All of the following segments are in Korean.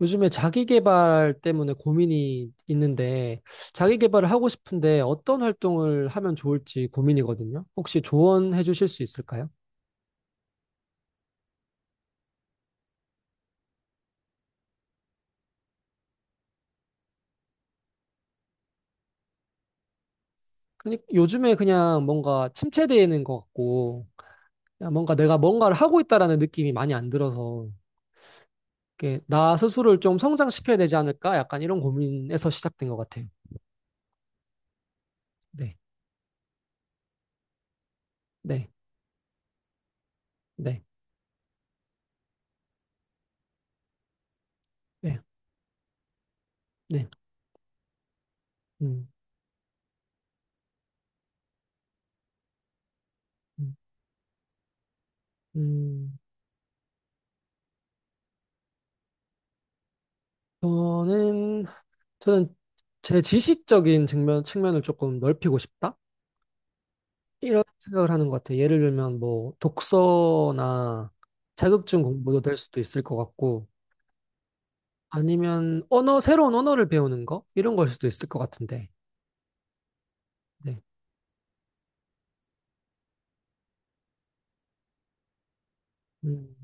요즘에 자기 개발 때문에 고민이 있는데, 자기 개발을 하고 싶은데 어떤 활동을 하면 좋을지 고민이거든요. 혹시 조언해 주실 수 있을까요? 요즘에 그냥 뭔가 침체되는 것 같고, 그냥 뭔가 내가 뭔가를 하고 있다라는 느낌이 많이 안 들어서, 이렇게 나 스스로를 좀 성장시켜야 되지 않을까? 약간 이런 고민에서 시작된 것 같아요. 네, 네, 네, 네, 네. 음, 음, 음. 저는 저는 제 지식적인 측면을 조금 넓히고 싶다? 이런 생각을 하는 것 같아요. 예를 들면 뭐 독서나 자격증 공부도 될 수도 있을 것 같고 아니면 언어, 새로운 언어를 배우는 거? 이런 걸 수도 있을 것 같은데. 네. 음,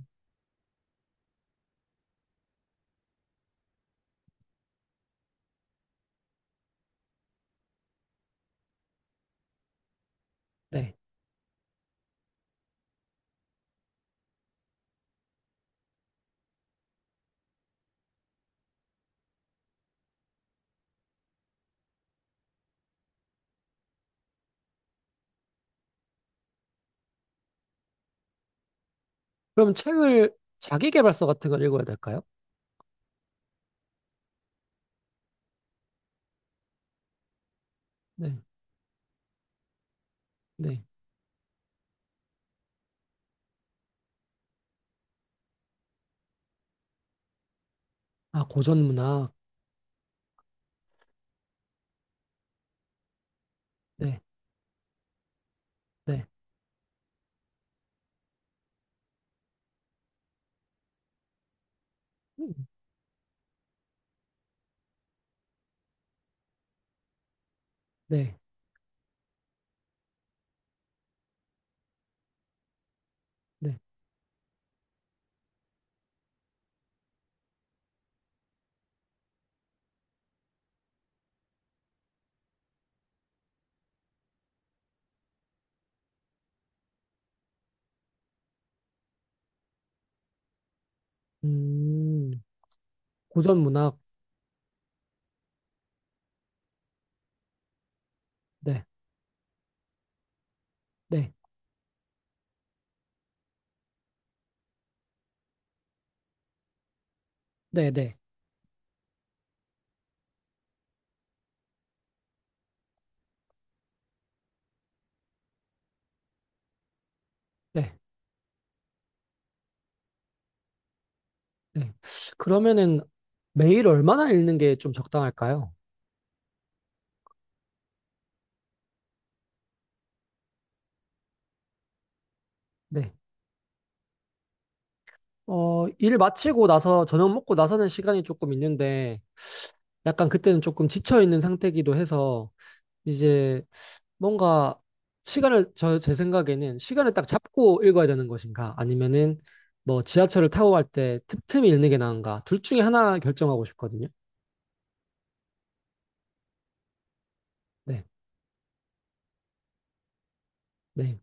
네. 그럼 책을 자기계발서 같은 걸 읽어야 될까요? 네. 네. 아, 고전 문학. 네. 네. 음, 네. 네. 음, 고전 문학. 네. 네. 네. 네. 네. 네. 그러면은 매일 얼마나 읽는 게 좀 적당할까요? 네. 어, 일 마치고 나서 저녁 먹고 나서는 시간이 조금 있는데 약간 그때는 조금 지쳐 있는 상태이기도 해서 이제 뭔가 시간을 저 제 생각에는 시간을 딱 잡고 읽어야 되는 것인가 아니면은 뭐 지하철을 타고 갈 때 틈틈이 읽는 게 나은가 둘 중에 하나 결정하고 싶거든요. 네. 네.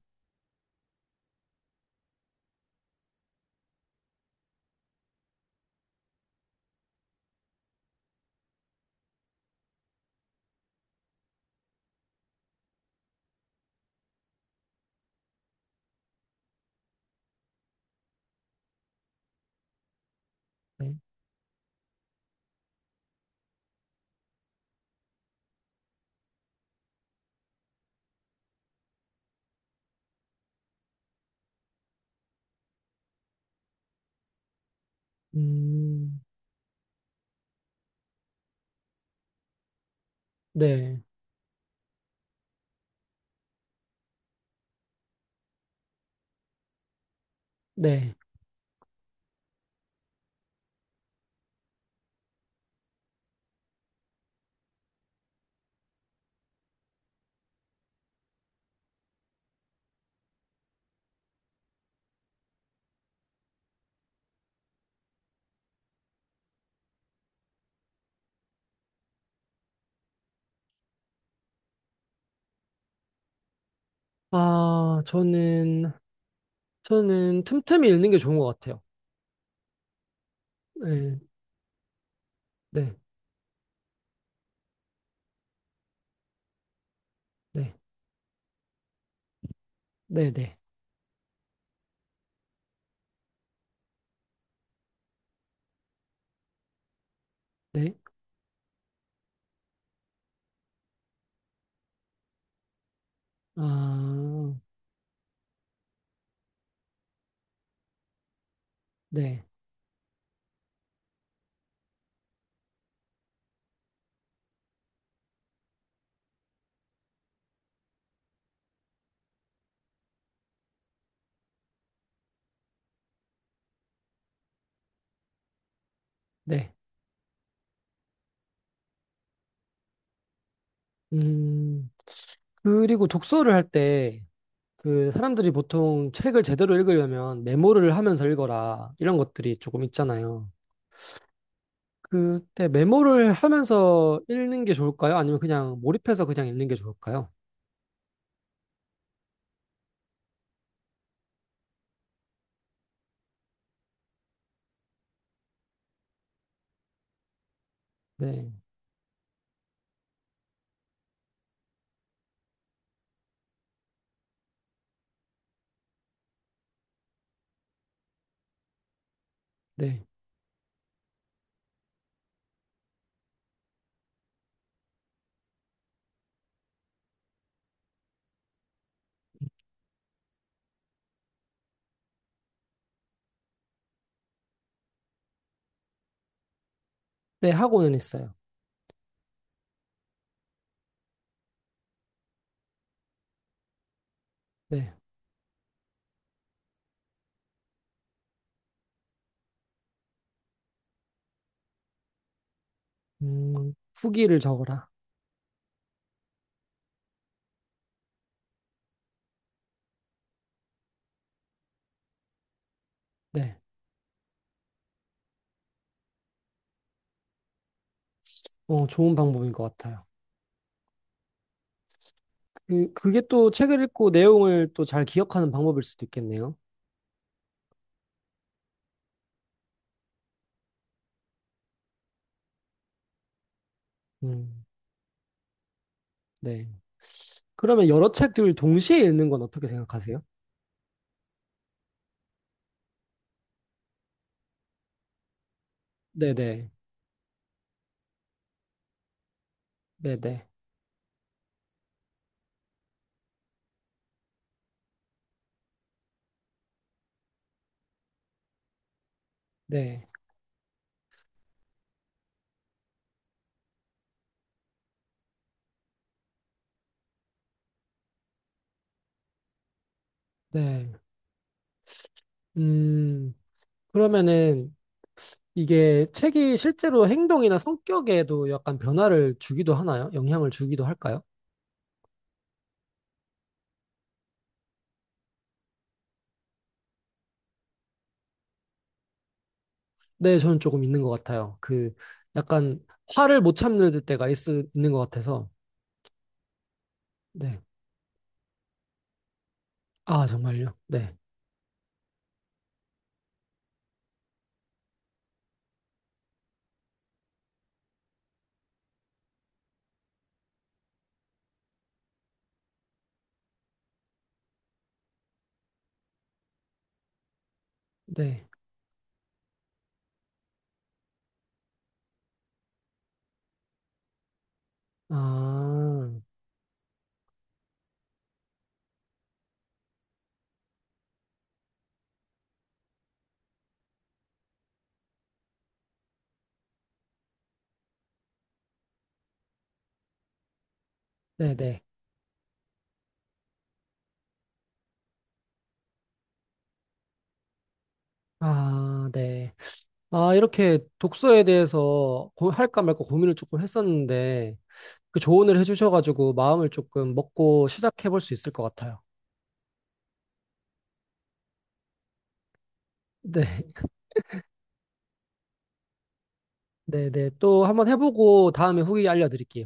네. 음. 네. 네. 아, 저는 틈틈이 읽는 게 좋은 것 같아요. 네, 네, 네, 네, 네, 네. 아, 네, 네. 음, 그리고 독서를 할 때, 그, 사람들이 보통 책을 제대로 읽으려면 메모를 하면서 읽어라, 이런 것들이 조금 있잖아요. 그때 메모를 하면서 읽는 게 좋을까요? 아니면 그냥 몰입해서 그냥 읽는 게 좋을까요? 네, 네, 네, 하고는 있어요. 네, 후기를 적어라. 네, 어, 좋은 방법인 것 같아요. 그, 그게 또 책을 읽고 내용을 또 잘 기억하는 방법일 수도 있겠네요. 음, 네. 그러면 여러 책들을 동시에 읽는 건 어떻게 생각하세요? 네네. 네네. 네. 네. 음, 그러면은 이게 책이 실제로 행동이나 성격에도 약간 변화를 주기도 하나요? 영향을 주기도 할까요? 네, 저는 조금 있는 것 같아요. 그 약간 화를 못 참는 때가 있는 것 같아서. 네. 아, 정말요? 네. 네. 아, 네네. 아, 네. 아, 이렇게 독서에 대해서 할까 말까 고민을 조금 했었는데, 그 조언을 해주셔가지고 마음을 조금 먹고 시작해볼 수 있을 것 같아요. 네, 네, 네. 또 한번 해보고 다음에 후기 알려드릴게요.